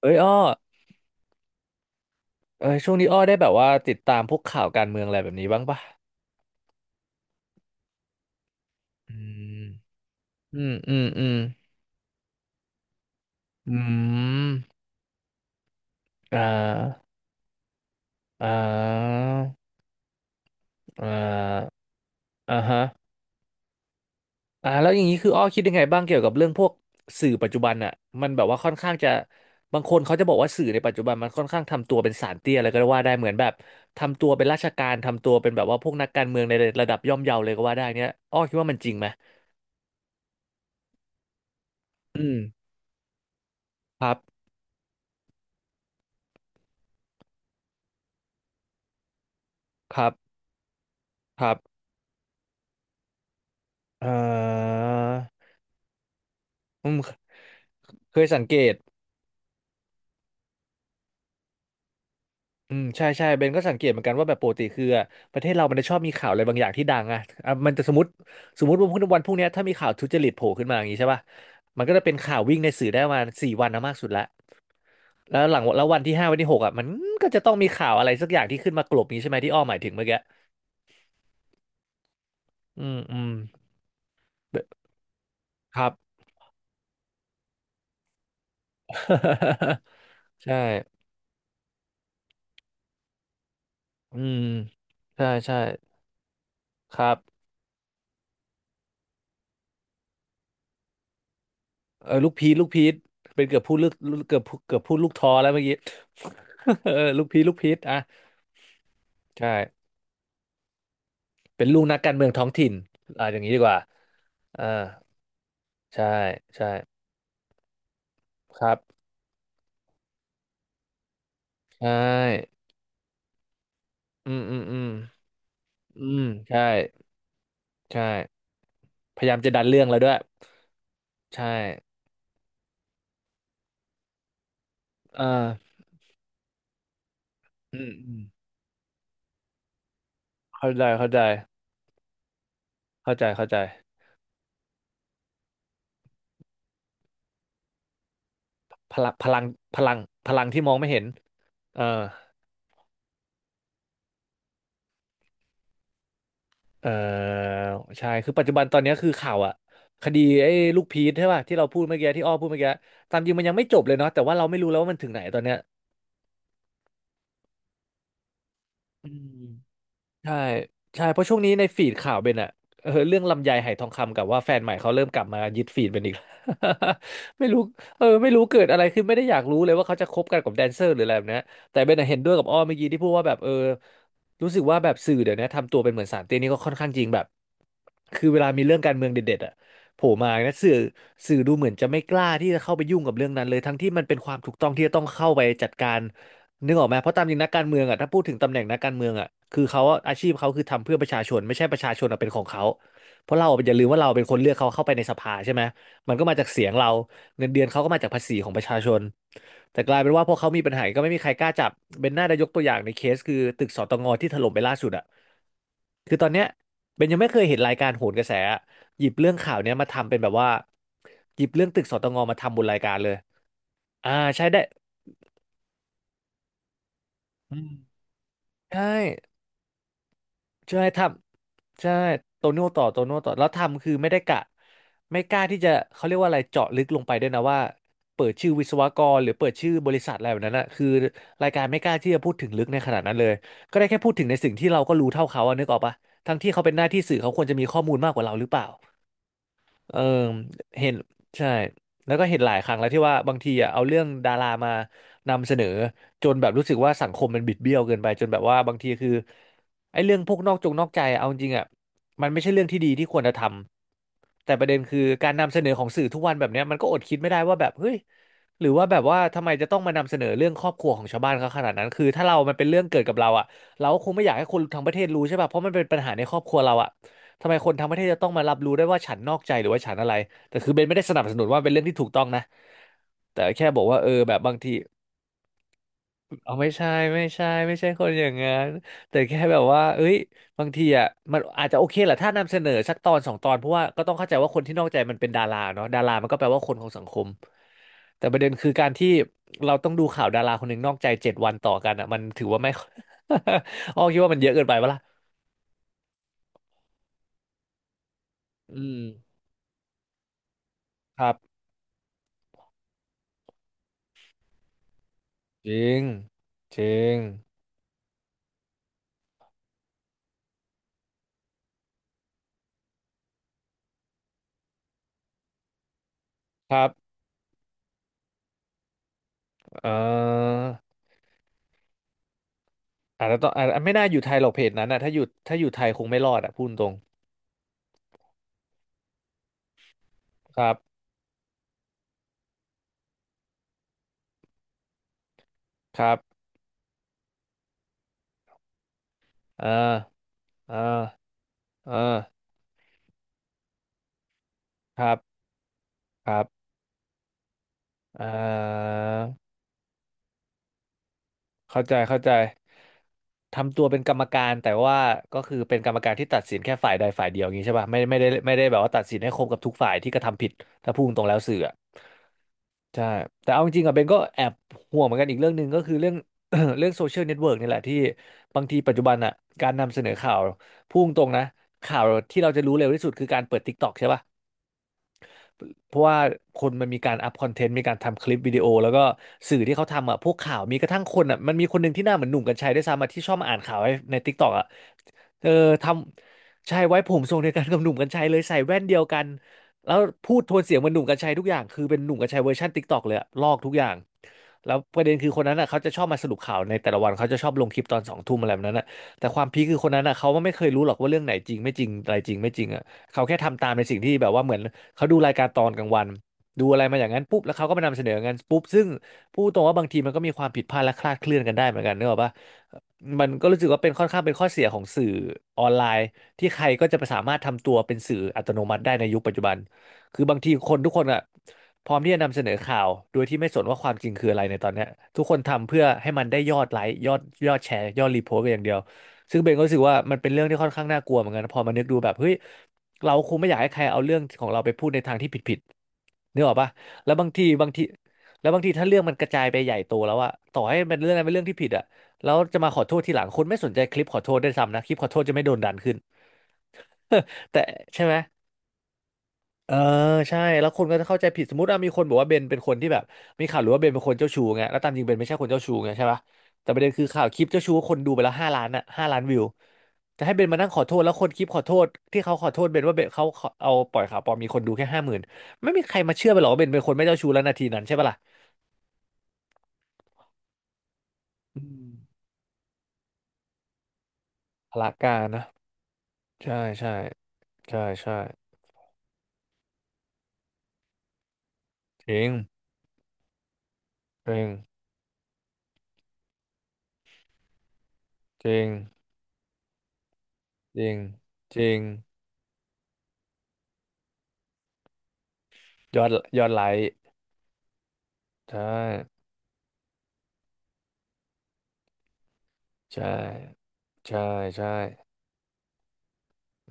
เอ้ยอ้อเอ้ยช่วงนี้อ้อได้แบบว่าติดตามพวกข่าวการเมืองอะไรแบบนี้บ้างปะอืมอืมอืมอืมอืมอ่าอ่าอ่าอ่าฮะอ่าแล้วอย่างนี้คืออ้อคิดยังไงบ้างเกี่ยวกับเรื่องพวกสื่อปัจจุบันอะมันแบบว่าค่อนข้างจะบางคนเขาจะบอกว่าสื่อในปัจจุบันมันค่อนข้างทำตัวเป็นศาลเตี้ยอะไรก็ว่าได้เหมือนแบบทำตัวเป็นราชการทำตัวเป็นแบบว่าพวกนักการเมืองในระดับย่อมเยาเลยก็ว่าได้เนี้ยอ้อคิดว่ามันจริงไหมอืมครับครับครับ เอ่ออืมเคยสังเกตอืมใช่ใช่เบนก็สังเกตเหมือนกันว่าแบบปกติคืออะประเทศเรามันจะชอบมีข่าวอะไรบางอย่างที่ดังอะอ่ะมันจะสมมติว่าพรุ่งนี้วันพรุ่งเนี้ยถ้ามีข่าวทุจริตโผล่ขึ้นมาอย่างนี้ใช่ป่ะมันก็จะเป็นข่าววิ่งในสื่อได้ประมาณ4วันนะมากสุดละแล้วหลังแล้ววันที่5วันที่6อ่ะมันก็จะต้องมีข่าวอะไรสักอย่างที่ขึ้นมากลบนี้ใช่ไหมที่อ้อหมายถึงเมื่อกี้อืมอืมครับ ใช่อืมใช่ใช่ครับ เออลูกพีชลูกพีชเป็นเกือบพูดลูกเกือบพูดเกือบพูดลูกทอแล้วเมื่อกี้ เออลูกพีชลูกพีชอ่ะใช่เป็นลูกนักการเมืองท้องถิ่นอ่ะอย่างนี้ดีกว่าเออใช่ใช่ครับใช่อืมอืมอืมอืมใช่ใช่พยายามจะดันเรื่องแล้วด้วยใช่เอออืมอืมเข้าใจเข้าใจเข้าใจเข้าใจพลังพลังพลังพลังที่มองไม่เห็นเออ เออใช่คือปัจจุบันตอนเนี้ยคือข่าวอะคดีไอ้ลูกพีชใช่ป่ะที่เราพูดเมื่อกี้ที่อ้อพูดเมื่อกี้ตามจริงมันยังไม่จบเลยเนาะแต่ว่าเราไม่รู้แล้วว่ามันถึงไหนตอนเนี้ยอืม ใช่ใช่เพราะช่วงนี้ในฟีดข่าวเป็นอะเออเรื่องลำไยไหทองคำกับว่าแฟนใหม่เขาเริ่มกลับมายึดฟีดเป็นอีก ไม่รู้เออไม่รู้เกิดอะไรขึ้นไม่ได้อยากรู้เลยว่าเขาจะคบกันกับแดนเซอร์หรืออะไรแบบเนี้ยแต่เบนอะเห็นด้วยกับอ้อเมื่อกี้ที่พูดว่าแบบเออรู้สึกว่าแบบสื่อเดี๋ยวนี้ทำตัวเป็นเหมือนสารเตี้ยนี่ก็ค่อนข้างจริงแบบคือเวลามีเรื่องการเมืองเด็ดๆอะโผล่มานะสื่อดูเหมือนจะไม่กล้าที่จะเข้าไปยุ่งกับเรื่องนั้นเลยทั้งที่มันเป็นความถูกต้องที่จะต้องเข้าไปจัดการ นึกออกไหมเพราะตามจริงนักการเมืองอ่ะถ้าพูดถึงตำแหน่งนักการเมืองอ่ะคือเขาอะอาชีพเขาคือทำเพื่อประชาชนไม่ใช่ประชาชนอะเป็นของเขา เพราะเราอะอย่าลืมว่าเราเป็นคนเลือกเขาเข้าไปในสภาใช่ไหมมันก็มาจากเสียงเรา เงินเดือนเขาก็มาจากภาษีของประชาชน แต่กลายเป็นว่าพอเขามีปัญหาก็ไม่มีใครกล้าจับเป็นหน้าได้ยกตัวอย่างในเคสคือตึกสตงที่ถล่มไปล่าสุดอ่ะคือตอนเนี้ยเบนยังไม่เคยเห็นรายการโหนกระแสอะหยิบเรื่องข่าวเนี้ยมาทำเป็นแบบว่าหยิบเรื่องตึกสตงมาทำบนรายการเลยอ่าใช่ได้อืมใช่ ใช่ทำใช่โตโน่ต่อแล้วทำคือไม่ได้กะไม่กล้าที่จะเขาเรียกว่าอะไรเจาะลึกลงไปด้วยนะว่าเปิดชื่อวิศวกรหรือเปิดชื่อบริษัทอะไรแบบนั้นนะคือรายการไม่กล้าที่จะพูดถึงลึกในขนาดนั้นเลยก็ได้แค่พูดถึงในสิ่งที่เราก็รู้เท่าเขาอะนึกออกปะทั้งที่เขาเป็นหน้าที่สื่อเขาควรจะมีข้อมูลมากกว่าเราหรือเปล่า เออเห็นใช่แล้วก็เห็นหลายครั้งแล้วที่ว่าบางทีอ่ะเอาเรื่องดารามานำเสนอจนแบบรู้สึกว่าสังคมมันบิดเบี้ยวเกินไปจนแบบว่าบางทีคือไอ้เรื่องพวกนอกจงนอกใจอะเอาจริงๆอ่ะมันไม่ใช่เรื่องที่ดีที่ควรจะทำแต่ประเด็นคือการนำเสนอของสื่อทุกวันแบบเนี้ยมันก็อดคิดไม่ได้ว่าแบบเฮ้ยหรือว่าแบบว่าทำไมจะต้องมานำเสนอเรื่องครอบครัวของชาวบ้านเขาขนาดนั้นคือถ้าเรามันเป็นเรื่องเกิดกับเราอ่ะเราก็คงไม่อยากให้คนทั้งประเทศรู้ใช่ป่ะเพราะมันเป็นปัญหาในครอบครัวเราอ่ะ ทำไมคนทั้งประเทศจะต้องมารับรู้ได้ว่าฉันนอกใจหรือว่าฉันอะไรแต่คือเบนไม่ได้สนับสนุนว่าเป็นเรื่องที่ถูกต้องนะแต่แค่บอกว่าเออแบบบางที เอาไม่ใช่ไม่ใช่คนอย่างนั้นแต่แค่แบบว่าเอ้ยบางทีอ่ะมันอาจจะโอเคแหละถ้านำเสนอสักตอนสองตอนเพราะว่าก็ต้องเข้าใจว่าคนที่นอกใจมันเป็นดาราเนาะดารามันก็แปลว่าคนของสังคม แต่ประเด็นคือการที่เราต้องดูข่าวดาราคนหนึ่งนอกใจ7 วันต่อกันอ่ะมันถือว่าไม่ อ้อคิดว่ามันเยอะเกินไปปะล่ะอืมครับจริงจริง ครับเอ่ออาจจะต้องอาจไม่น่าอยู่ไทยหรอกเพจนั้นนะถ้าอยู่ไทยคงไม่รอดอ่ะพูดตรงครับครับเอ่าอเอ่าเออครับครับเอ่อ เข้าใจเข้าใจทำตัวเป็นกรรมการแต่ว่าก็คือเป็นกรรมการที่ตัดสินแค่ฝ่ายใดฝ่ายเดียวอย่างนี้ใช่ป่ะไม่ได้แบบว่าตัดสินให้ครบกับทุกฝ่ายที่กระทำผิดถ้าพูดตรงแล้วสื่ออะใช่แต่เอาจริงๆอะเบนก็แอบห่วงเหมือนกันอีกเรื่องหนึ่งก็คือเรื่อง เรื่องโซเชียลเน็ตเวิร์กนี่แหละที่บางทีปัจจุบันอ่ะการนำเสนอข่าวพุ่งตรงนะข่าวที่เราจะรู้เร็วที่สุดคือการเปิด TikTok ใช่ป่ะ เพราะว่าคนมันมีการอัพคอนเทนต์มีการทำคลิปวิดีโอแล้วก็สื่อที่เขาทำอ่ะพวกข่าวมีกระทั่งคนอ่ะมันมีคนหนึ่งที่หน้าเหมือนหนุ่มกรรชัยด้วยซ้ำอะที่ชอบมาอ่านข่าวให้ใน t ิ k กต k อกอ่ะ เออทำใช่ไว้ผมทรงเดียวกันกับหนุ่มกรรชัยเลยใส่แว่นเดียวกันแล้วพูดโทนเสียงเหมือนหนุ่มกรรชัยทุกอย่างคือเป็นหนุ่มกรรชัยเวอร์ชันติ๊กตอกเลยอะลอกทุกอย่างแล้วประเด็นคือคนนั้นอ่ะเขาจะชอบมาสรุปข่าวในแต่ละวันเขาจะชอบลงคลิปตอนสองทุ่มอะไรแบบนั้นอ่ะแต่ความพีคคือคนนั้นอ่ะเขาไม่เคยรู้หรอกว่าเรื่องไหนจริงไม่จริงอะไรจริงไม่จริงอ่ะเขาแค่ทำตามในสิ่งที่แบบว่าเหมือนเขาดูรายการตอนกลางวันดูอะไรมาอย่างนั้นปุ๊บแล้วเขาก็มานำเสนอกันปุ๊บซึ่งพูดตรงว่าบางทีมันก็มีความผิดพลาดและคลาดเคลื่อนกันได้เหมือนกันเนกอะปะ มันก็รู้สึกว่าเป็นค่อนข้างเป็นข้อเสียของสื่อออนไลน์ที่ใครก็จะสามารถทำตัวเป็นสื่ออัตโนมัติได้ในยุคปัจจุบัน คือบางทีคนทุกคนอ่ะพร้อมที่จะนำเสนอข่าวโดยที่ไม่สนว่าความจริงคืออะไรในตอนเนี้ยทุกคนทำเพื่อให้มันได้ยอดไลค์ยอดยอดแชร์ยอดรีโพสต์ไปอย่างเดียว ซึ่งเบนก็รู้สึกว่ามันเป็นเรื่องที่ค่อนข้างน่ากลัวเหมือนกันนะพอมานึกดูแบบเฮ้ยเราคงไม่อยากให้ใครเอาเรื่องของเราไปพูดในทางที่ผิดๆนึกออกปะแล้วบางทีถ้าเรื่องมันกระจายไปใหญ่โตแล้วอะต่อให้มันเรื่องอะไรเป็นเรื่องที่ผิดอะ แล้วจะมาขอโทษทีหลังคนไม่สนใจคลิปขอโทษด้วยซ้ำนะคลิปขอโทษจะไม่โดนดันขึ้น แต่ใช่ไหมเออใช่แล้วคนก็จะเข้าใจผิดสมมติว่ามีคนบอกว่าเบนเป็นคนที่แบบมีข่าวหรือว่าเบนเป็นคนเจ้าชู้ไงแล้วตามจริงเบนไม่ใช่คนเจ้าชู้ไงใช่ปะแต่ประเด็นคือข่าวคลิปเจ้าชู้คนดูไปแล้วห้าล้านอ่ะ5 ล้านวิวจะให้เบนมานั่งขอโทษแล้วคนคลิปขอโทษที่เขาขอโทษเบนว่าเบนเขาเอาปล่อยข่าวปลอมมีคนดูแค่50,000ไม่มีใครมาเชื่อไปหรอกว่าเบนเป็นคนไม่เจ้าชู้แล้วนาทีนั้นใช่ปะล่ะอืมพละการนะใช่ใช่ใช่ใช่จริงจริงจริง จริงจริงยอดยอดไลค์ใช่ใช่ใช่ใช่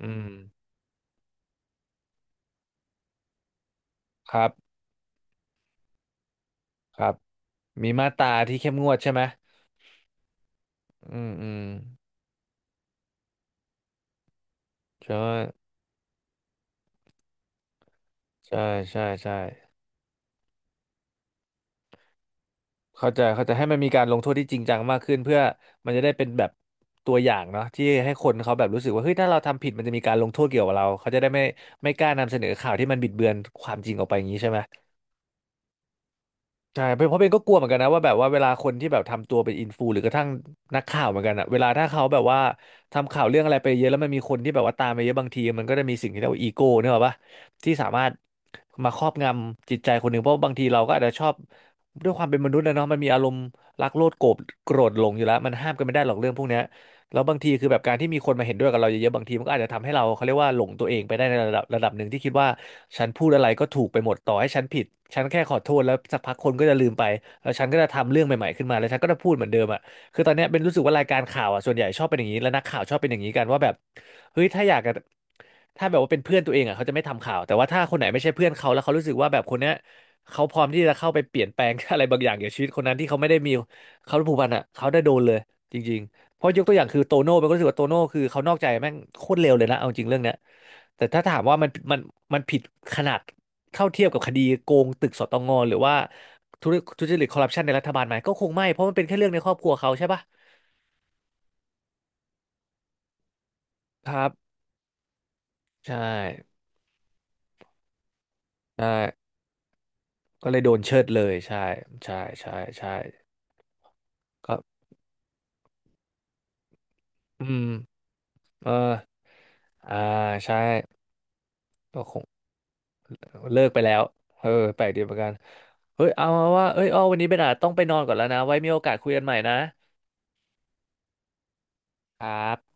อืมครับครับมีมาตราที่เข้มงวดใช่ไหมอืมอืมใช่ใช่ใช่ใช่เข้าใจเข้าใจให้มันมีการลงโทษที่จริงจังมากขึ้นเพื่อมันจะได้เป็นแบบตัวอย่างเนาะที่ให้คนเขาแบบรู้สึกว่าเฮ้ยถ้าเราทำผิดมันจะมีการลงโทษเกี่ยวกับเราเขาจะได้ไม่กล้านำเสนอข่าวที่มันบิดเบือนความจริงออกไปอย่างนี้ใช่ไหม ใช่เพราะเป็นก็กลัวเหมือนกันนะว่าแบบว่าเวลาคนที่แบบทำตัวเป็นอินฟูหรือกระทั่งนักข่าวเหมือนกันอะเวลาถ้าเขาแบบว่าทำข่าวเรื่องอะไรไปเยอะแล้วมันมีคนที่แบบว่าตามไปเยอะบางทีมันก็จะมีสิ่งที่เรียกว่าอีโก้เนี่ยหรอกปะที่สามารถมาครอบงำจิตใจคนหนึ่งเพราะบางทีเราก็อาจจะชอบด้วยความเป็นมนุษย์นะเนาะมันมีอารมณ์รักโลภโกรธหลงอยู่แล้วมันห้ามกันไม่ได้หรอกเรื่องพวกเนี้ย แล้วบางทีคือแบบการที่มีคนมาเห็นด้วยกับเราเยอะๆบางทีมันก็อาจจะทำให้เราเขาเรียกว่าหลงตัวเองไปได้ในระดับหนึ่งที่คิดว่าฉันพูดอะไรก็ถูกไปหมดต่อให้ฉันผิดฉันแค่ขอโทษแล้วสักพักคนก็จะลืมไปแล้วฉันก็จะทำเรื่องใหม่ๆขึ้นมาแล้วฉันก็จะพูดเหมือนเดิมอ่ะคือตอนเนี้ยเป็นรู้สึกว่ารายการข่าวอ่ะส่วนใหญ่ชอบเป็นอย่างนี้และนักข่าวชอบเป็นอย่างนี้กันว่าแบบเฮ้ยถ้าอยากจะถ้าแบบว่าเป็นเพื่อนตัวเองอ่ะเขาจะไม่ทำข่าวแต่ว่าถ้าคนไหนไม่ใช่เพื่อนเขาแล้วเขารู้สึกว่าแบบคนเนี้ยเขาพร้อมที่จะเข้าไปเปลี่ยนแปลง อะไรบางอย่างเกี่ยวกับชีวิตคนนั้นที่เขาไม่ได้มีเขาผูกพันอ่ะเขาได้โดนเลยจริง เพราะยกตัวอย่างคือโตโน่มันก็รู้สึกว่าโตโน่คือเขานอกใจแม่งโคตรเร็วเลยนะเอาจริงเรื่องเนี้ยแต่ถ้าถามว่ามันมันผิดขนาดเท่าเทียบกับคดีโกงตึกสตงหรือว่าทุจทุจริตคอร์รัปชันในรัฐบาลไหมก็คงไม่เพราะมันเป็นแค่เรื่องในครอบครัวเขาใช่ปะครับใช่ใช่ก็เลยโดนเชิดเลยใช่ใช่ใช่ใช่ก็อืมเอออ่าใช่ก็คงเลิกไปแล้วเออแปลกดีเหมือนกันเฮ้ยเอามาว่าเอ้ยอ้อวันนี้เบนอาจต้องไปนอนก่อนแล้วนะไว้มีโอกาสคุยกันใหม่นะ ครับ